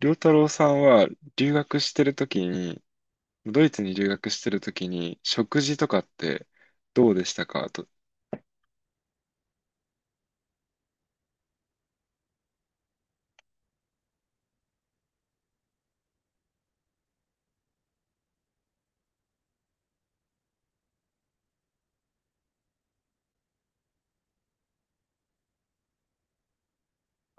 良太郎さんは留学してるときに、ドイツに留学してるときに、食事とかってどうでしたかと。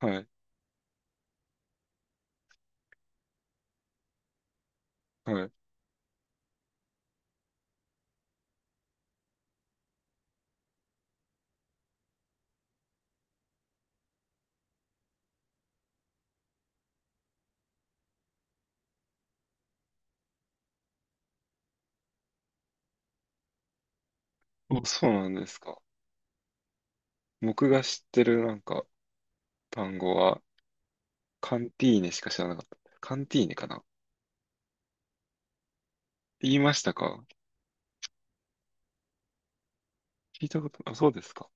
はい、はい。お、そうなんですか。僕が知ってるなんか単語は、カンティーネしか知らなかった。カンティーネかなって言いましたか？聞いたこと、あ、そうですか。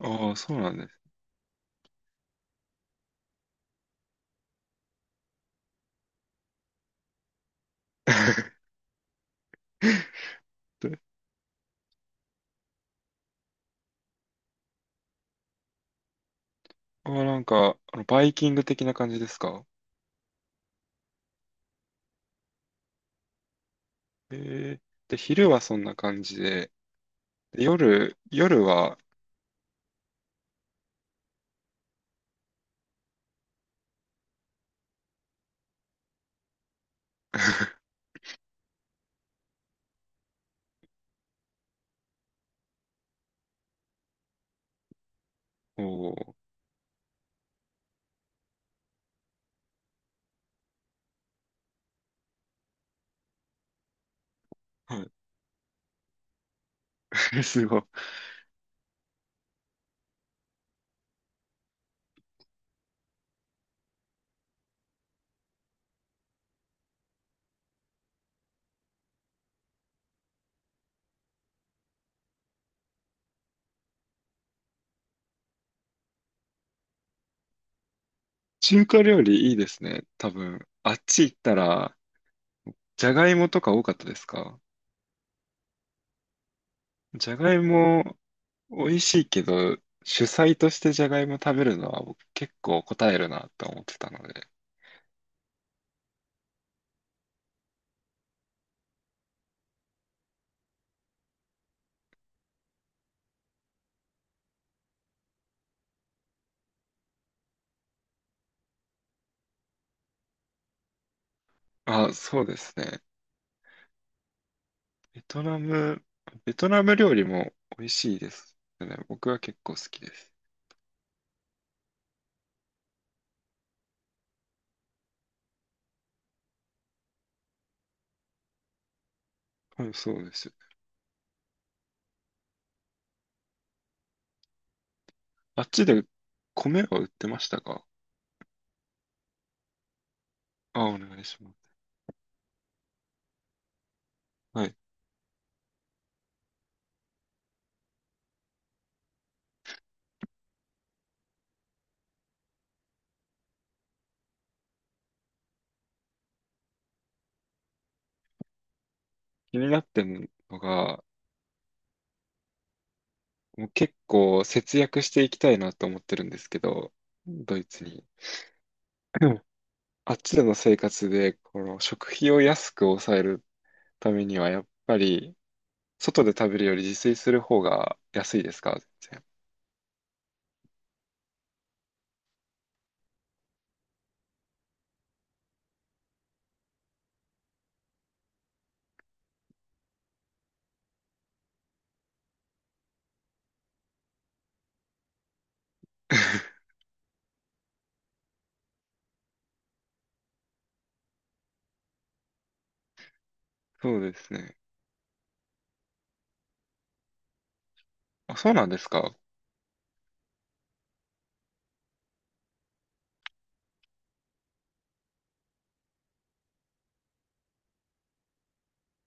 ああ、そうなんです。でなんか、バイキング的な感じですか？えー、で、昼はそんな感じで、で夜は、おー、はい、すごい。中華料理いいですね。多分、あっち行ったら、じゃがいもとか多かったですか？じゃがいも美味しいけど、主菜としてじゃがいも食べるのは僕結構答えるなと思ってたので。あ、そうですね。ベトナム、ベトナム料理も美味しいですよね。僕は結構好きです。はい、そうです。あっちで米は売ってましたか？あ、お願いします。はい。気になってるのが、もう結構節約していきたいなと思ってるんですけど、ドイツに。うん。あっちでの生活で、この食費を安く抑えるためには、やっぱり、外で食べるより自炊する方が安いですか？全然。そうですね。あ、そうなんですか？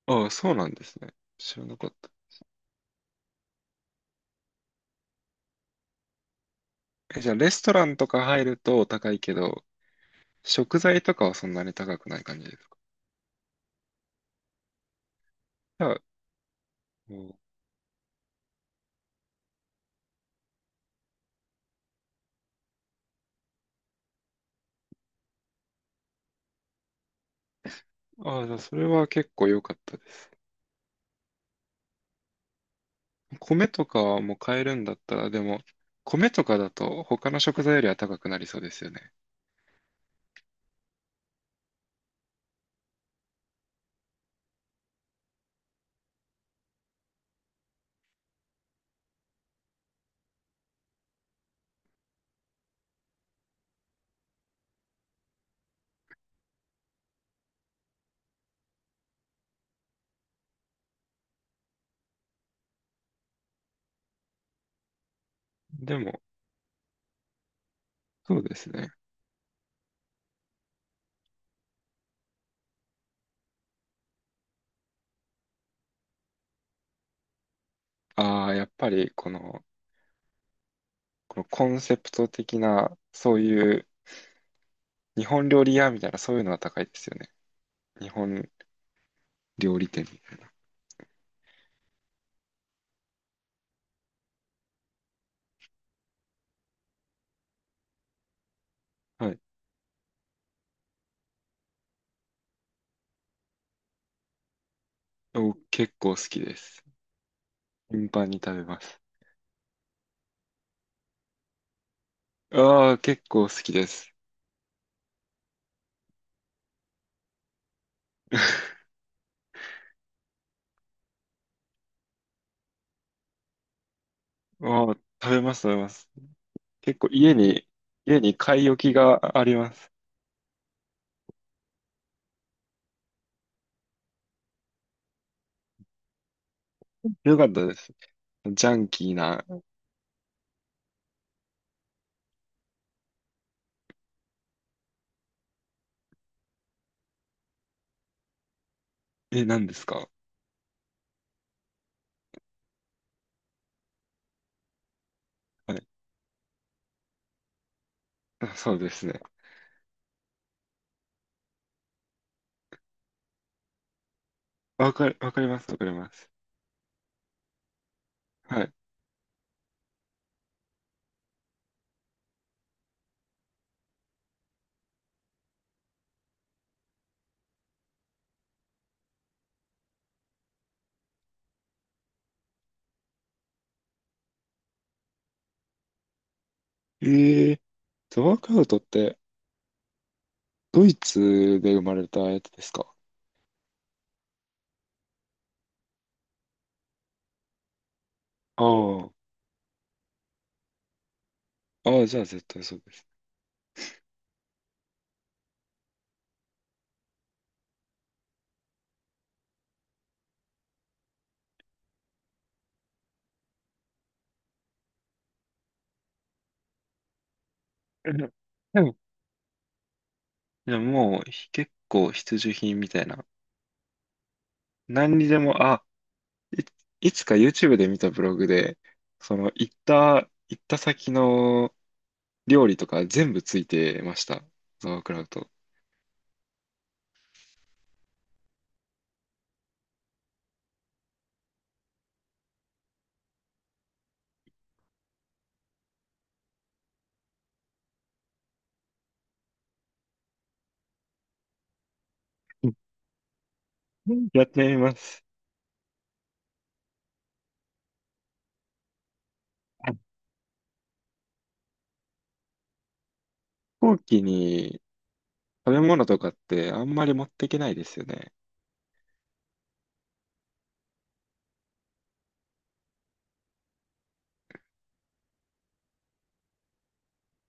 ああ、そうなんですね。知らなかった。え、じゃあ、レストランとか入ると高いけど、食材とかはそんなに高くない感じですか？じゃあ、うん。ああ、じゃあ、それは結構良かったです。米とかはもう買えるんだったら、でも、米とかだと他の食材よりは高くなりそうですよね。でも、そうですね。ああ、やっぱりこのコンセプト的な、そういう日本料理屋みたいな、そういうのは高いですよね。日本料理店に。はい。お、結構好きです。頻繁に食べます。ああ、結構好きです。ああ、食べます、食べます。結構家に買い置きがあります。よかったです。ジャンキーな、え、何ですか？はい。あ、そうですね。わかる、わかります、わかります。はい。ワークアウトって、ドイツで生まれたやつですか？ああ、ああ、じゃあ絶対そうです。え、でも、でもでももう結構必需品みたいな。何にでも、あ、いつか YouTube で見たブログで、その行った先の料理とか全部ついてました。ザワークラウト。うん、やってみます。あ、飛行機に食べ物とかってあんまり持っていけないですよね。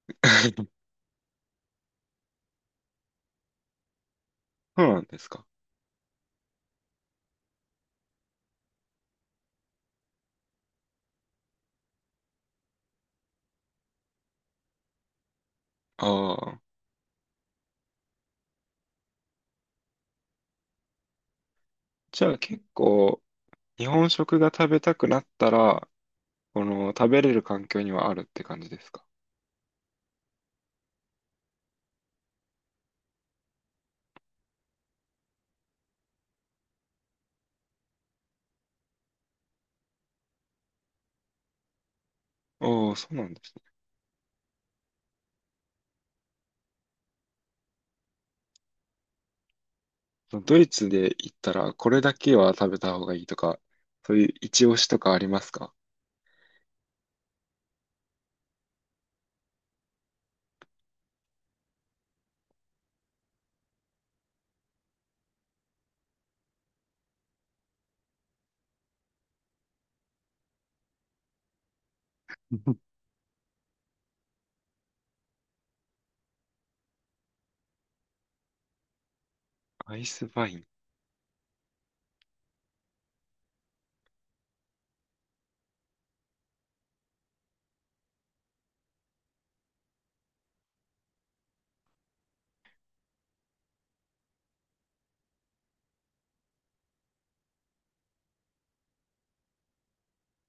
そうなんですか。ああ。じゃあ結構、日本食が食べたくなったら、この食べれる環境にはあるって感じですか。ああ、そうなんですね。そのドイツで行ったら、これだけは食べた方がいいとか、そういう一押しとかありますか？うん アイスバイン。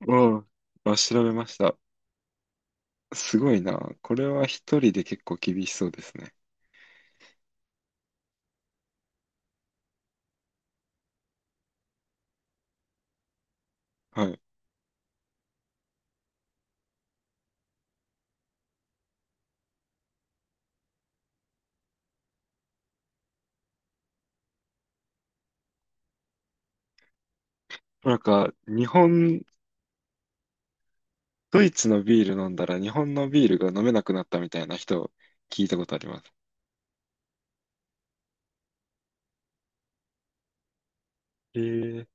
うん。あ、調べました。すごいな。これは一人で結構厳しそうですね。はい。なんか、ドイツのビール飲んだら日本のビールが飲めなくなったみたいな人聞いたことあります。えー、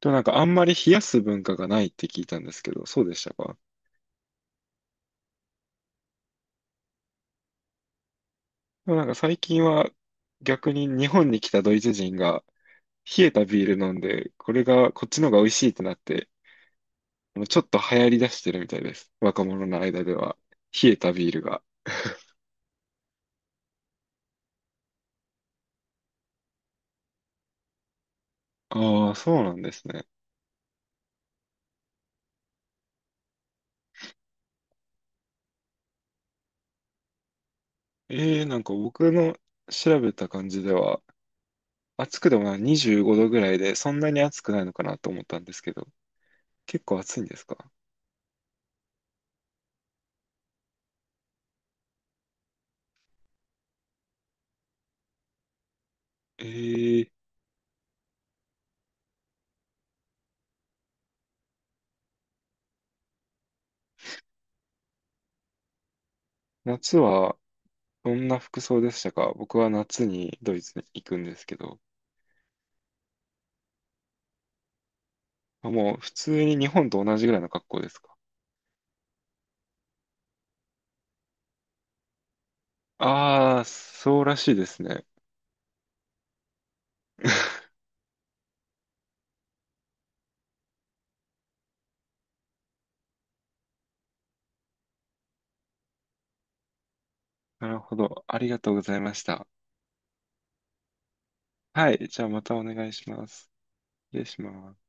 でもなんかあんまり冷やす文化がないって聞いたんですけど、そうでしたか？でもなんか最近は逆に日本に来たドイツ人が冷えたビール飲んで、これがこっちの方が美味しいってなって、ちょっと流行り出してるみたいです。若者の間では。冷えたビールが。ああ、そうなんですね。なんか僕の調べた感じでは、暑くでもない、25度ぐらいで、そんなに暑くないのかなと思ったんですけど、結構暑いんですか？えー、夏はどんな服装でしたか？僕は夏にドイツに行くんですけど、あ、もう普通に日本と同じぐらいの格好ですか？ああー、そうらしいですね。なるほど。ありがとうございました。はい。じゃあまたお願いします。失礼します。